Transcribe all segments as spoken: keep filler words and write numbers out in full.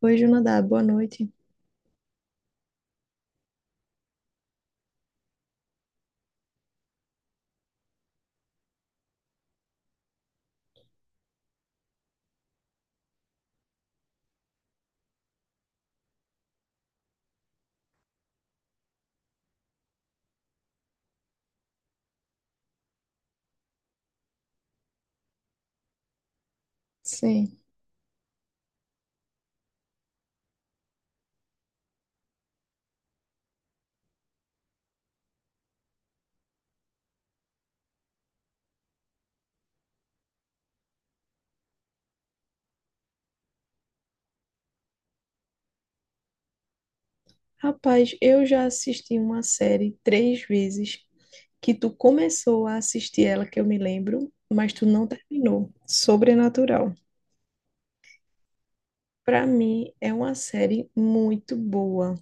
Oi, Junadá, boa noite. Sim. Rapaz, eu já assisti uma série três vezes que tu começou a assistir ela, que eu me lembro, mas tu não terminou. Sobrenatural. Pra mim, é uma série muito boa.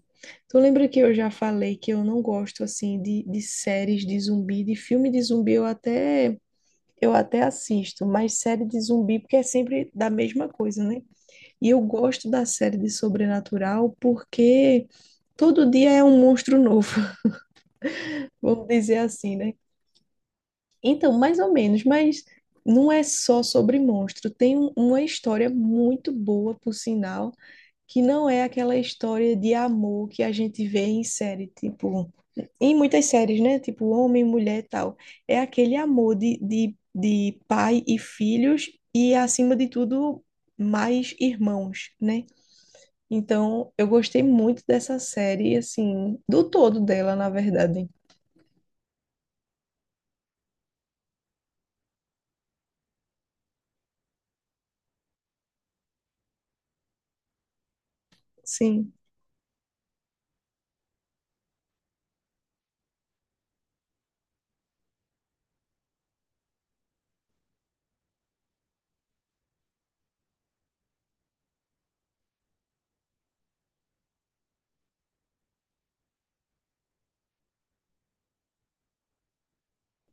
Tu lembra que eu já falei que eu não gosto, assim, de, de séries de zumbi, de filme de zumbi, eu até, eu até assisto, mas série de zumbi, porque é sempre da mesma coisa, né? E eu gosto da série de Sobrenatural porque todo dia é um monstro novo, vamos dizer assim, né? Então, mais ou menos, mas não é só sobre monstro. Tem um- uma história muito boa, por sinal, que não é aquela história de amor que a gente vê em série, tipo, em muitas séries, né? Tipo, homem, mulher e tal. É aquele amor de, de, de pai e filhos e, acima de tudo, mais irmãos, né? Então, eu gostei muito dessa série, assim, do todo dela, na verdade. Sim,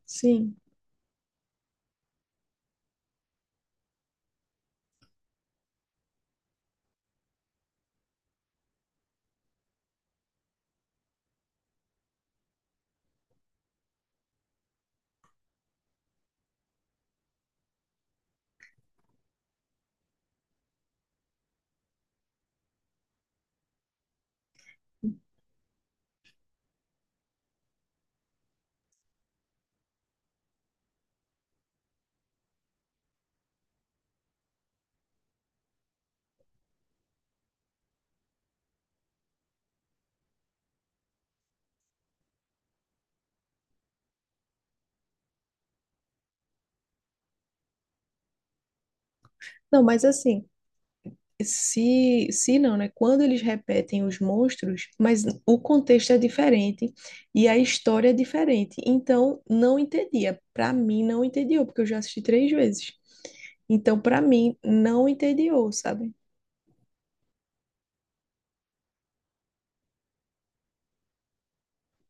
sim. Não, mas assim, se, se não, né? Quando eles repetem os monstros, mas o contexto é diferente e a história é diferente. Então, não entendia. Para mim, não entediou, porque eu já assisti três vezes. Então, para mim, não entediou, sabe?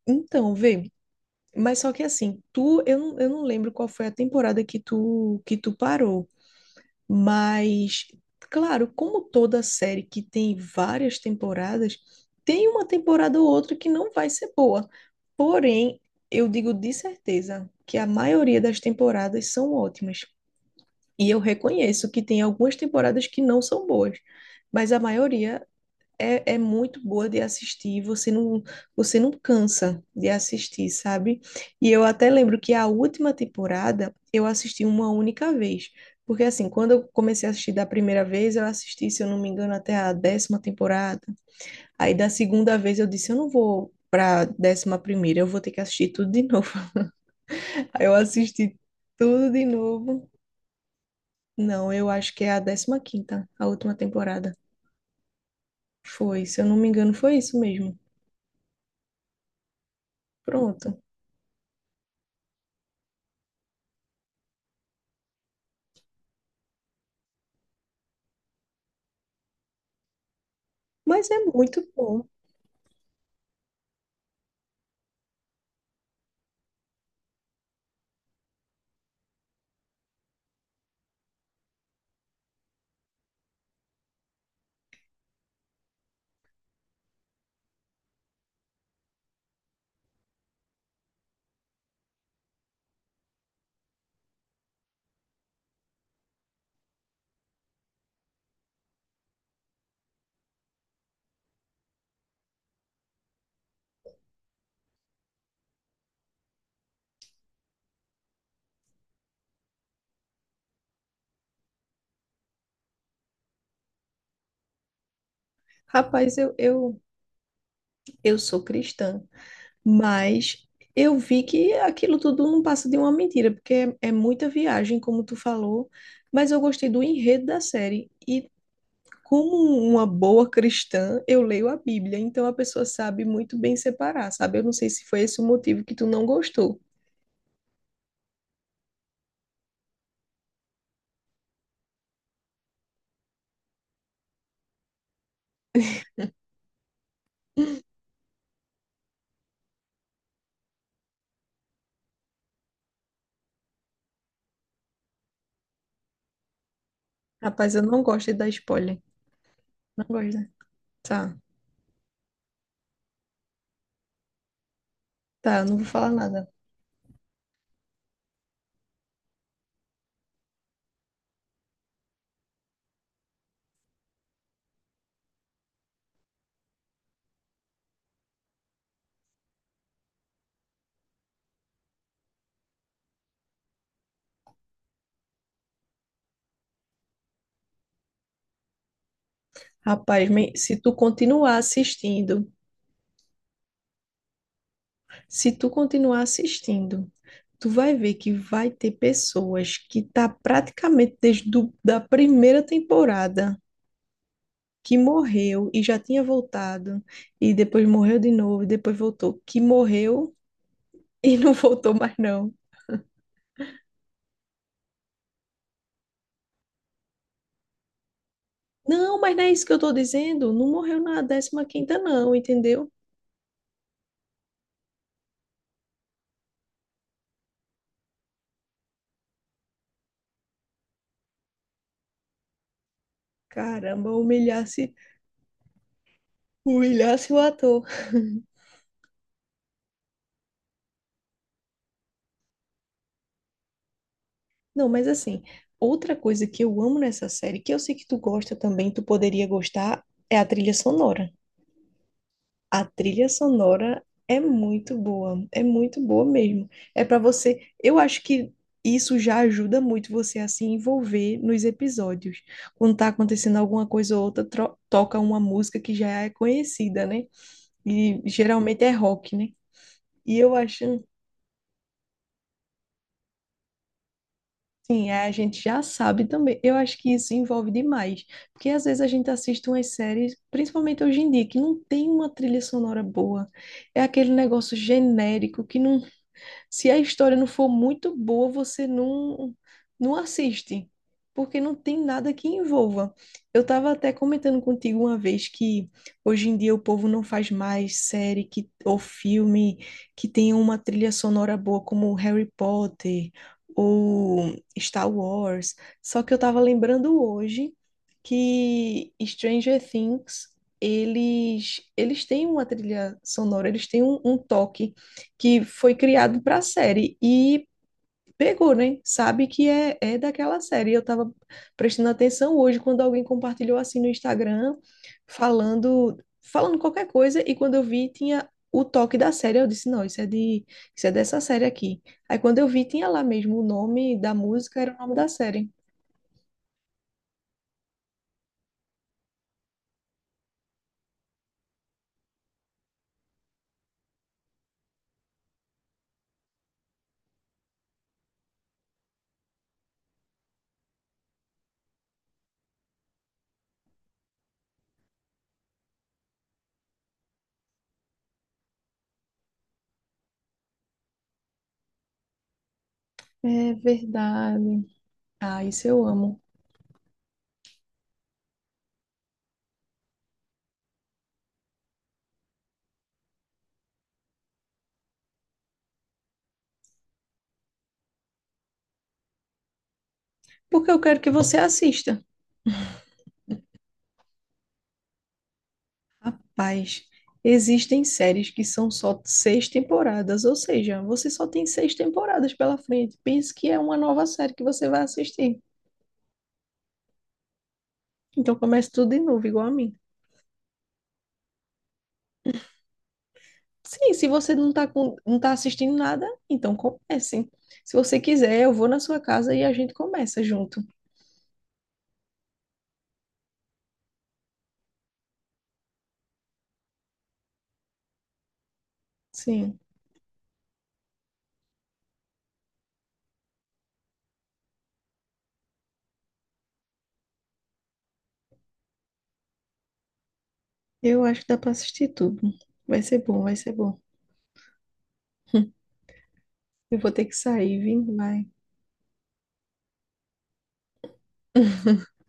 Então, vê. Mas só que assim, tu, eu, não- eu não lembro qual foi a temporada que tu, que tu parou. Mas, claro, como toda série que tem várias temporadas, tem uma temporada ou outra que não vai ser boa. Porém, eu digo de certeza que a maioria das temporadas são ótimas. E eu reconheço que tem algumas temporadas que não são boas, mas a maioria é, é muito boa de assistir, você não, você não cansa de assistir, sabe? E eu até lembro que a última temporada eu assisti uma única vez. Porque assim, quando eu comecei a assistir da primeira vez, eu assisti, se eu não me engano, até a décima temporada. Aí da segunda vez eu disse, eu não vou pra décima primeira, eu vou ter que assistir tudo de novo. Aí eu assisti tudo de novo. Não, eu acho que é a décima quinta, a última temporada. Foi, se eu não me engano, foi isso mesmo. Pronto. Mas é muito bom. Rapaz, eu, eu, eu sou cristã, mas eu vi que aquilo tudo não passa de uma mentira, porque é, é muita viagem, como tu falou, mas eu gostei do enredo da série. E como uma boa cristã, eu leio a Bíblia, então a pessoa sabe muito bem separar, sabe? Eu não sei se foi esse o motivo que tu não gostou. Rapaz, eu não gosto de dar spoiler. Não gosto, né? Tá, tá, eu não vou falar nada. Rapaz, me- se tu continuar assistindo. Se tu continuar assistindo, tu vai ver que vai ter pessoas que tá praticamente desde do, da primeira temporada que morreu e já tinha voltado e depois morreu de novo e depois voltou, que morreu e não voltou mais não. Não, mas não é isso que eu tô dizendo. Não morreu na décima quinta não, entendeu? Caramba, humilhasse, humilhasse o ator. Não, mas assim, outra coisa que eu amo nessa série, que eu sei que tu gosta também, tu poderia gostar, é a trilha sonora. A trilha sonora é muito boa, é muito boa mesmo. É para você, eu acho que isso já ajuda muito você a se envolver nos episódios. Quando tá acontecendo alguma coisa ou outra, tro- toca uma música que já é conhecida, né? E geralmente é rock, né? E eu acho, sim, é, a gente já sabe também. Eu acho que isso envolve demais, porque às vezes a gente assiste umas séries, principalmente hoje em dia, que não tem uma trilha sonora boa. É aquele negócio genérico que não. Se a história não for muito boa, você não, não assiste, porque não tem nada que envolva. Eu estava até comentando contigo uma vez que hoje em dia o povo não faz mais série que, ou filme que tenha uma trilha sonora boa, como Harry Potter ou Star Wars. Só que eu estava lembrando hoje que Stranger Things eles eles têm uma trilha sonora, eles têm um, um toque que foi criado para a série e pegou, né? Sabe que é, é daquela série. Eu tava prestando atenção hoje quando alguém compartilhou assim no Instagram, falando, falando qualquer coisa, e quando eu vi tinha o toque da série, eu disse, não, isso é de, isso é dessa série aqui. Aí quando eu vi tinha lá mesmo o nome da música, era o nome da série. É verdade. Ah, isso eu amo. Porque eu quero que você assista. Mas existem séries que são só seis temporadas, ou seja, você só tem seis temporadas pela frente. Pense que é uma nova série que você vai assistir. Então comece tudo de novo, igual a mim. Sim, se você não tá com, não tá assistindo nada, então comece. Se você quiser, eu vou na sua casa e a gente começa junto. Sim, eu acho que dá para assistir tudo. Vai ser bom, vai ser bom. Eu vou ter que sair, vim, vai.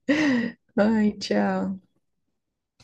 Ai, tchau.